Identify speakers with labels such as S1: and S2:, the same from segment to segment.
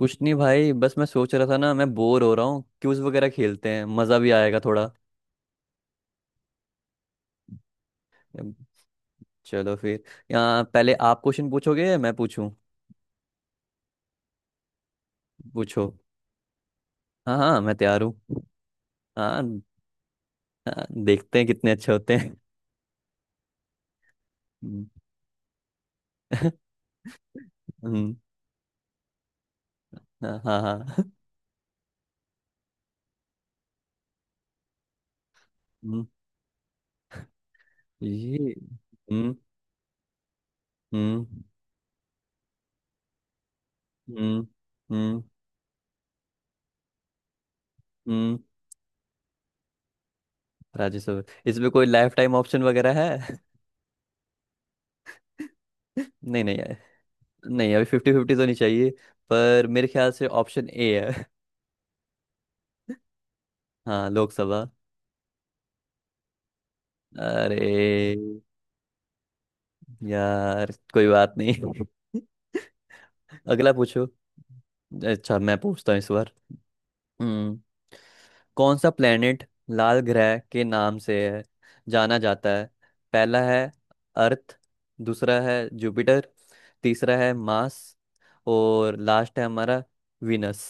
S1: कुछ नहीं भाई, बस मैं सोच रहा था ना, मैं बोर हो रहा हूँ। क्यूज वगैरह खेलते हैं, मज़ा भी आएगा थोड़ा। अब चलो फिर। यहाँ पहले आप क्वेश्चन पूछोगे या मैं पूछूं? पूछो। हाँ हाँ, मैं तैयार हूँ। हाँ। हाँ, देखते हैं कितने अच्छे होते हैं। हम्म। हम्म। हाँ हाँ हाँ। हम्म। ये। हम्म। हम्म। हम्म। हम्म। हम्म। राज्यसभा। इसमें कोई लाइफ टाइम ऑप्शन वगैरह है? नहीं नहीं। नहीं, अभी फिफ्टी फिफ्टी तो नहीं चाहिए। पर मेरे ख्याल से ऑप्शन ए है। हाँ, लोकसभा। अरे। यार, कोई बात नहीं। अगला पूछो। अच्छा, मैं पूछता हूँ इस बार। हम्म। कौन सा प्लेनेट लाल ग्रह के नाम से है जाना जाता है? पहला है अर्थ, दूसरा है जुपिटर, तीसरा है मार्स, और लास्ट है हमारा विनस।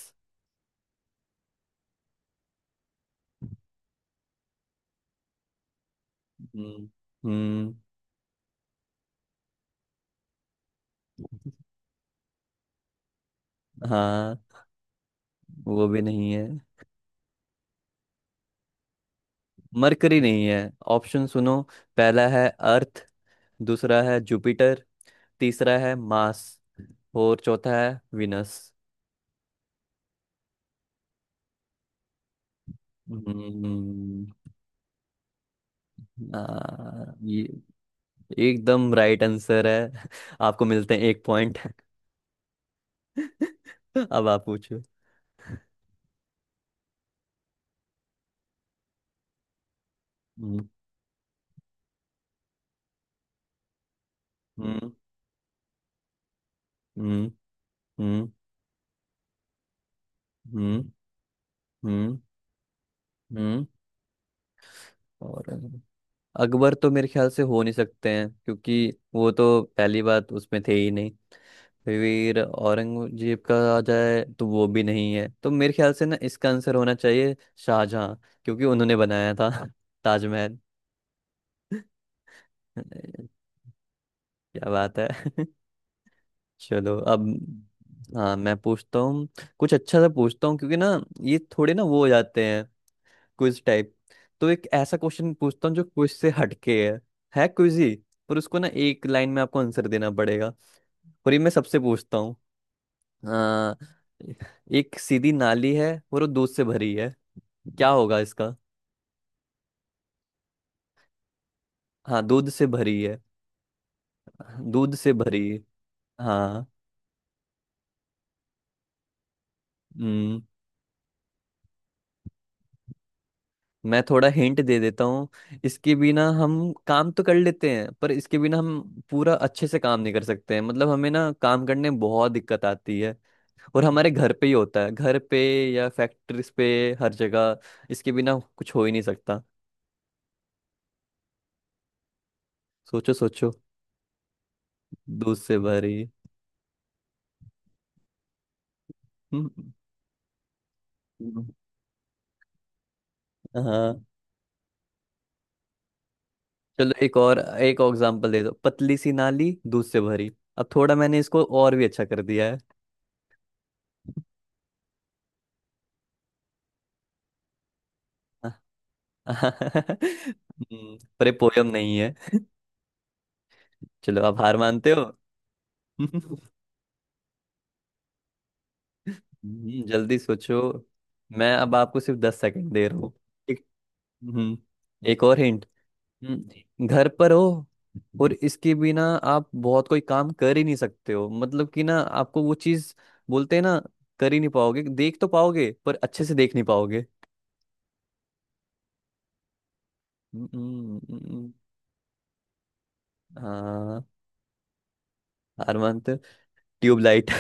S1: हम्म। हम्म। हाँ। वो भी नहीं है। मरकरी नहीं है। ऑप्शन सुनो। पहला है अर्थ, दूसरा है जुपिटर, तीसरा है मार्स, और चौथा है विनस। हम्म। ये एकदम राइट आंसर है। आपको मिलते हैं एक पॉइंट। अब आप पूछो। हम्म। हम्म। हम्म। हम्म। हम्म। हम्म। हम्म। और, अकबर तो मेरे ख्याल से हो नहीं सकते हैं, क्योंकि वो तो पहली बात उसमें थे ही नहीं। फिर औरंगजेब का आ जाए तो वो भी नहीं है, तो मेरे ख्याल से ना इसका आंसर होना चाहिए शाहजहां, क्योंकि उन्होंने बनाया था ताजमहल। क्या बात है! चलो अब। हाँ, मैं पूछता हूँ। कुछ अच्छा सा पूछता हूँ, क्योंकि ना, ये थोड़े ना वो हो जाते हैं क्विज टाइप। तो एक ऐसा क्वेश्चन पूछता हूँ जो क्विज से हटके है। है क्विज ही, पर उसको ना एक लाइन में आपको आंसर देना पड़ेगा। और ये मैं सबसे पूछता हूँ। हाँ। एक सीधी नाली है और वो दूध से भरी है। क्या होगा इसका? हाँ, दूध से भरी है। दूध से भरी है। हाँ। हम्म। मैं थोड़ा हिंट दे देता हूँ। इसके बिना हम काम तो कर लेते हैं, पर इसके बिना हम पूरा अच्छे से काम नहीं कर सकते हैं, मतलब हमें ना काम करने में बहुत दिक्कत आती है। और हमारे घर पे ही होता है, घर पे या फैक्ट्रीज पे, हर जगह। इसके बिना कुछ हो ही नहीं सकता। सोचो सोचो। दूध से भरी। हम्म। हम्म। हाँ। चलो, एक और एग्जांपल दे दो। पतली सी नाली दूध से भरी। अब थोड़ा मैंने इसको और भी अच्छा कर दिया है। पर ये पोयम नहीं है। चलो, आप हार मानते हो? जल्दी सोचो। मैं अब आपको सिर्फ 10 सेकंड दे रहा हूँ। एक। हम्म। एक और हिंट। घर पर हो। और इसके बिना आप बहुत कोई काम कर ही नहीं सकते हो, मतलब कि ना आपको वो चीज बोलते हैं ना, कर ही नहीं पाओगे, देख तो पाओगे पर अच्छे से देख नहीं। हम्म। हम्म। हम्म। हम्म। हाँ। हार मानते हो? ट्यूबलाइट!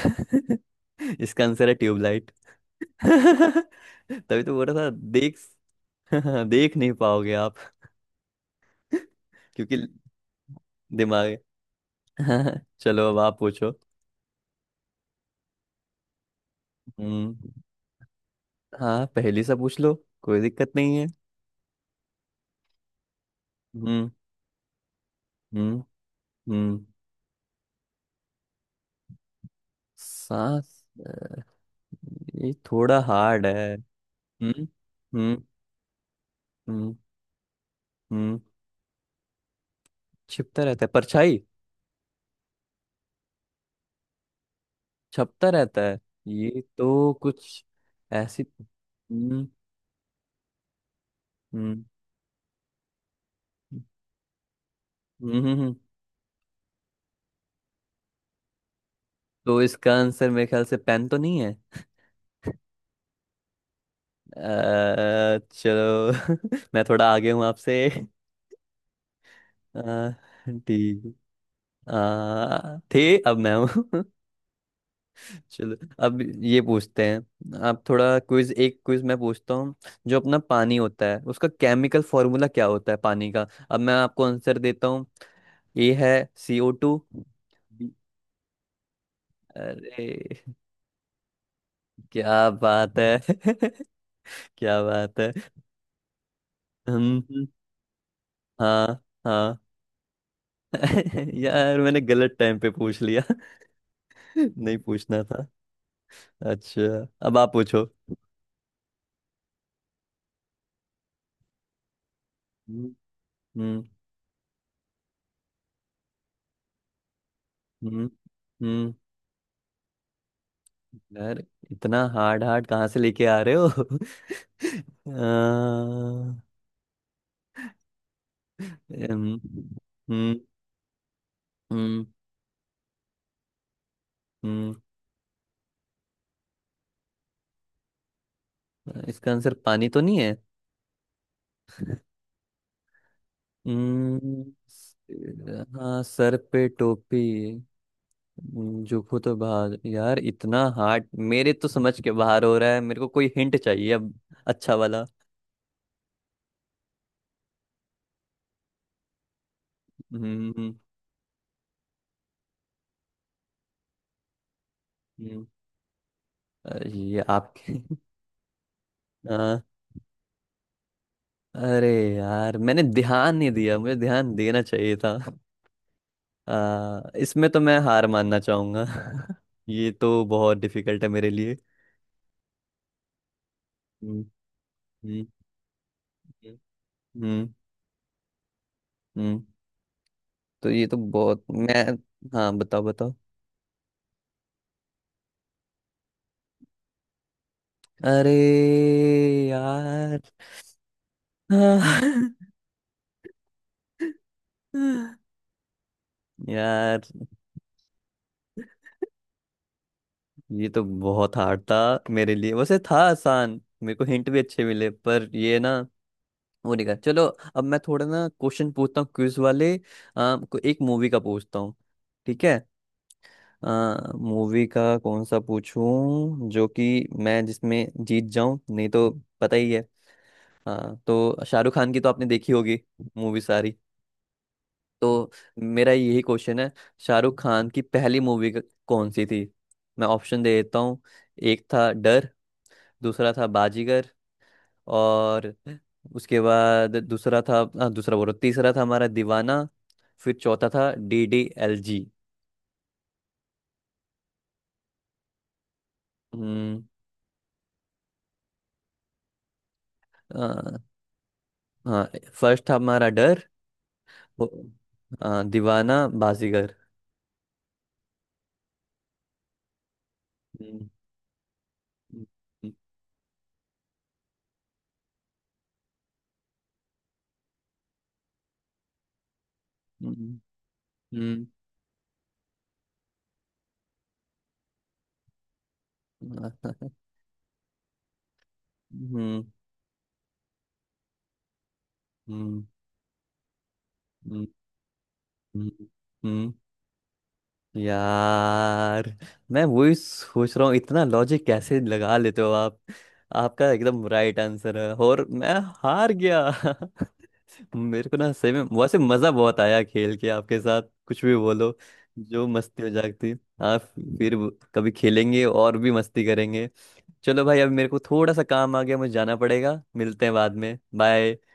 S1: इसका आंसर है ट्यूबलाइट। तभी तो बोल रहा था। देख देख नहीं पाओगे आप। क्योंकि दिमाग। चलो, अब आप पूछो। हम्म। हाँ, पहली सा पूछ लो। कोई दिक्कत नहीं है। हम्म। हम्म। हम्म। सांस। ये थोड़ा हार्ड है। हम्म। हम्म। हम्म। हम्म। छिपता रहता है परछाई। छपता रहता है। ये तो कुछ ऐसी। हम्म। हम्म। हम्म। हम्म। हम्म। तो इसका आंसर मेरे ख्याल से पेन तो नहीं है? चलो। मैं थोड़ा आगे हूँ आपसे। अ, ठीक। थे, अब मैं हूँ। चलो। अब ये पूछते हैं। आप थोड़ा क्विज, एक क्विज मैं पूछता हूँ। जो अपना पानी होता है उसका केमिकल फॉर्मूला क्या होता है पानी का? अब मैं आपको आंसर देता हूँ। ए है CO2। अरे! क्या बात है! क्या बात है! हम। हाँ हाँ। यार, मैंने गलत टाइम पे पूछ लिया। नहीं पूछना था। अच्छा, अब आप पूछो। हम्म। हम्म। हम्म। हम्म। यार, इतना हार्ड हार्ड कहाँ से लेके आ रहे हो? अ, हम्म। हम्म। हम्म। हम्म। इसका आंसर पानी तो नहीं है? हम्म। हाँ, सर पे टोपी। जूहू तो बाहर। यार, इतना हार्ड मेरे तो समझ के बाहर हो रहा है, मेरे को कोई हिंट चाहिए अब। अच्छा वाला। हम्म। हम्म, ये आपके। हाँ। अरे, यार, मैंने ध्यान नहीं दिया, मुझे ध्यान देना चाहिए था। इसमें तो मैं हार मानना चाहूंगा। ये तो बहुत डिफिकल्ट है मेरे लिए। हम्म। हम्म। हम्म। हम्म, तो ये तो बहुत, मैं। हाँ, बताओ बताओ। अरे। यार। यार, ये तो बहुत हार्ड था मेरे लिए। वैसे था आसान, मेरे को हिंट भी अच्छे मिले, पर ये ना वो नहीं कर। चलो, अब मैं थोड़ा ना क्वेश्चन पूछता हूँ क्विज वाले। को एक मूवी का पूछता हूँ। ठीक है। मूवी का कौन सा पूछूं जो कि मैं जिसमें जीत जाऊं, नहीं तो पता ही है। हाँ, तो शाहरुख खान की तो आपने देखी होगी मूवी सारी। तो मेरा यही क्वेश्चन है। शाहरुख खान की पहली मूवी कौन सी थी? मैं ऑप्शन दे देता हूँ। एक था डर। दूसरा था बाजीगर। और उसके बाद दूसरा था, दूसरा बोलो, तीसरा था हमारा दीवाना। फिर चौथा था DDLJ। हम्म। आ, हाँ, फर्स्ट था हमारा डर। वो- दीवाना, बाजीगर। हम्म। हम्म। हम्म। हम्म। हम्म। हम्म। हम्म। हम्म। हम्म। हम्म। यार, मैं वही सोच रहा हूँ, इतना लॉजिक कैसे लगा लेते हो आप? आपका एकदम राइट आंसर है, और मैं हार गया। मेरे को ना सही में वैसे मजा बहुत आया खेल के आपके साथ, कुछ भी बोलो। जो मस्ती हो जाती। आप, फिर कभी खेलेंगे और भी मस्ती करेंगे। चलो भाई, अब मेरे को थोड़ा सा काम आ गया, मुझे जाना पड़ेगा, मिलते हैं बाद में। बाय।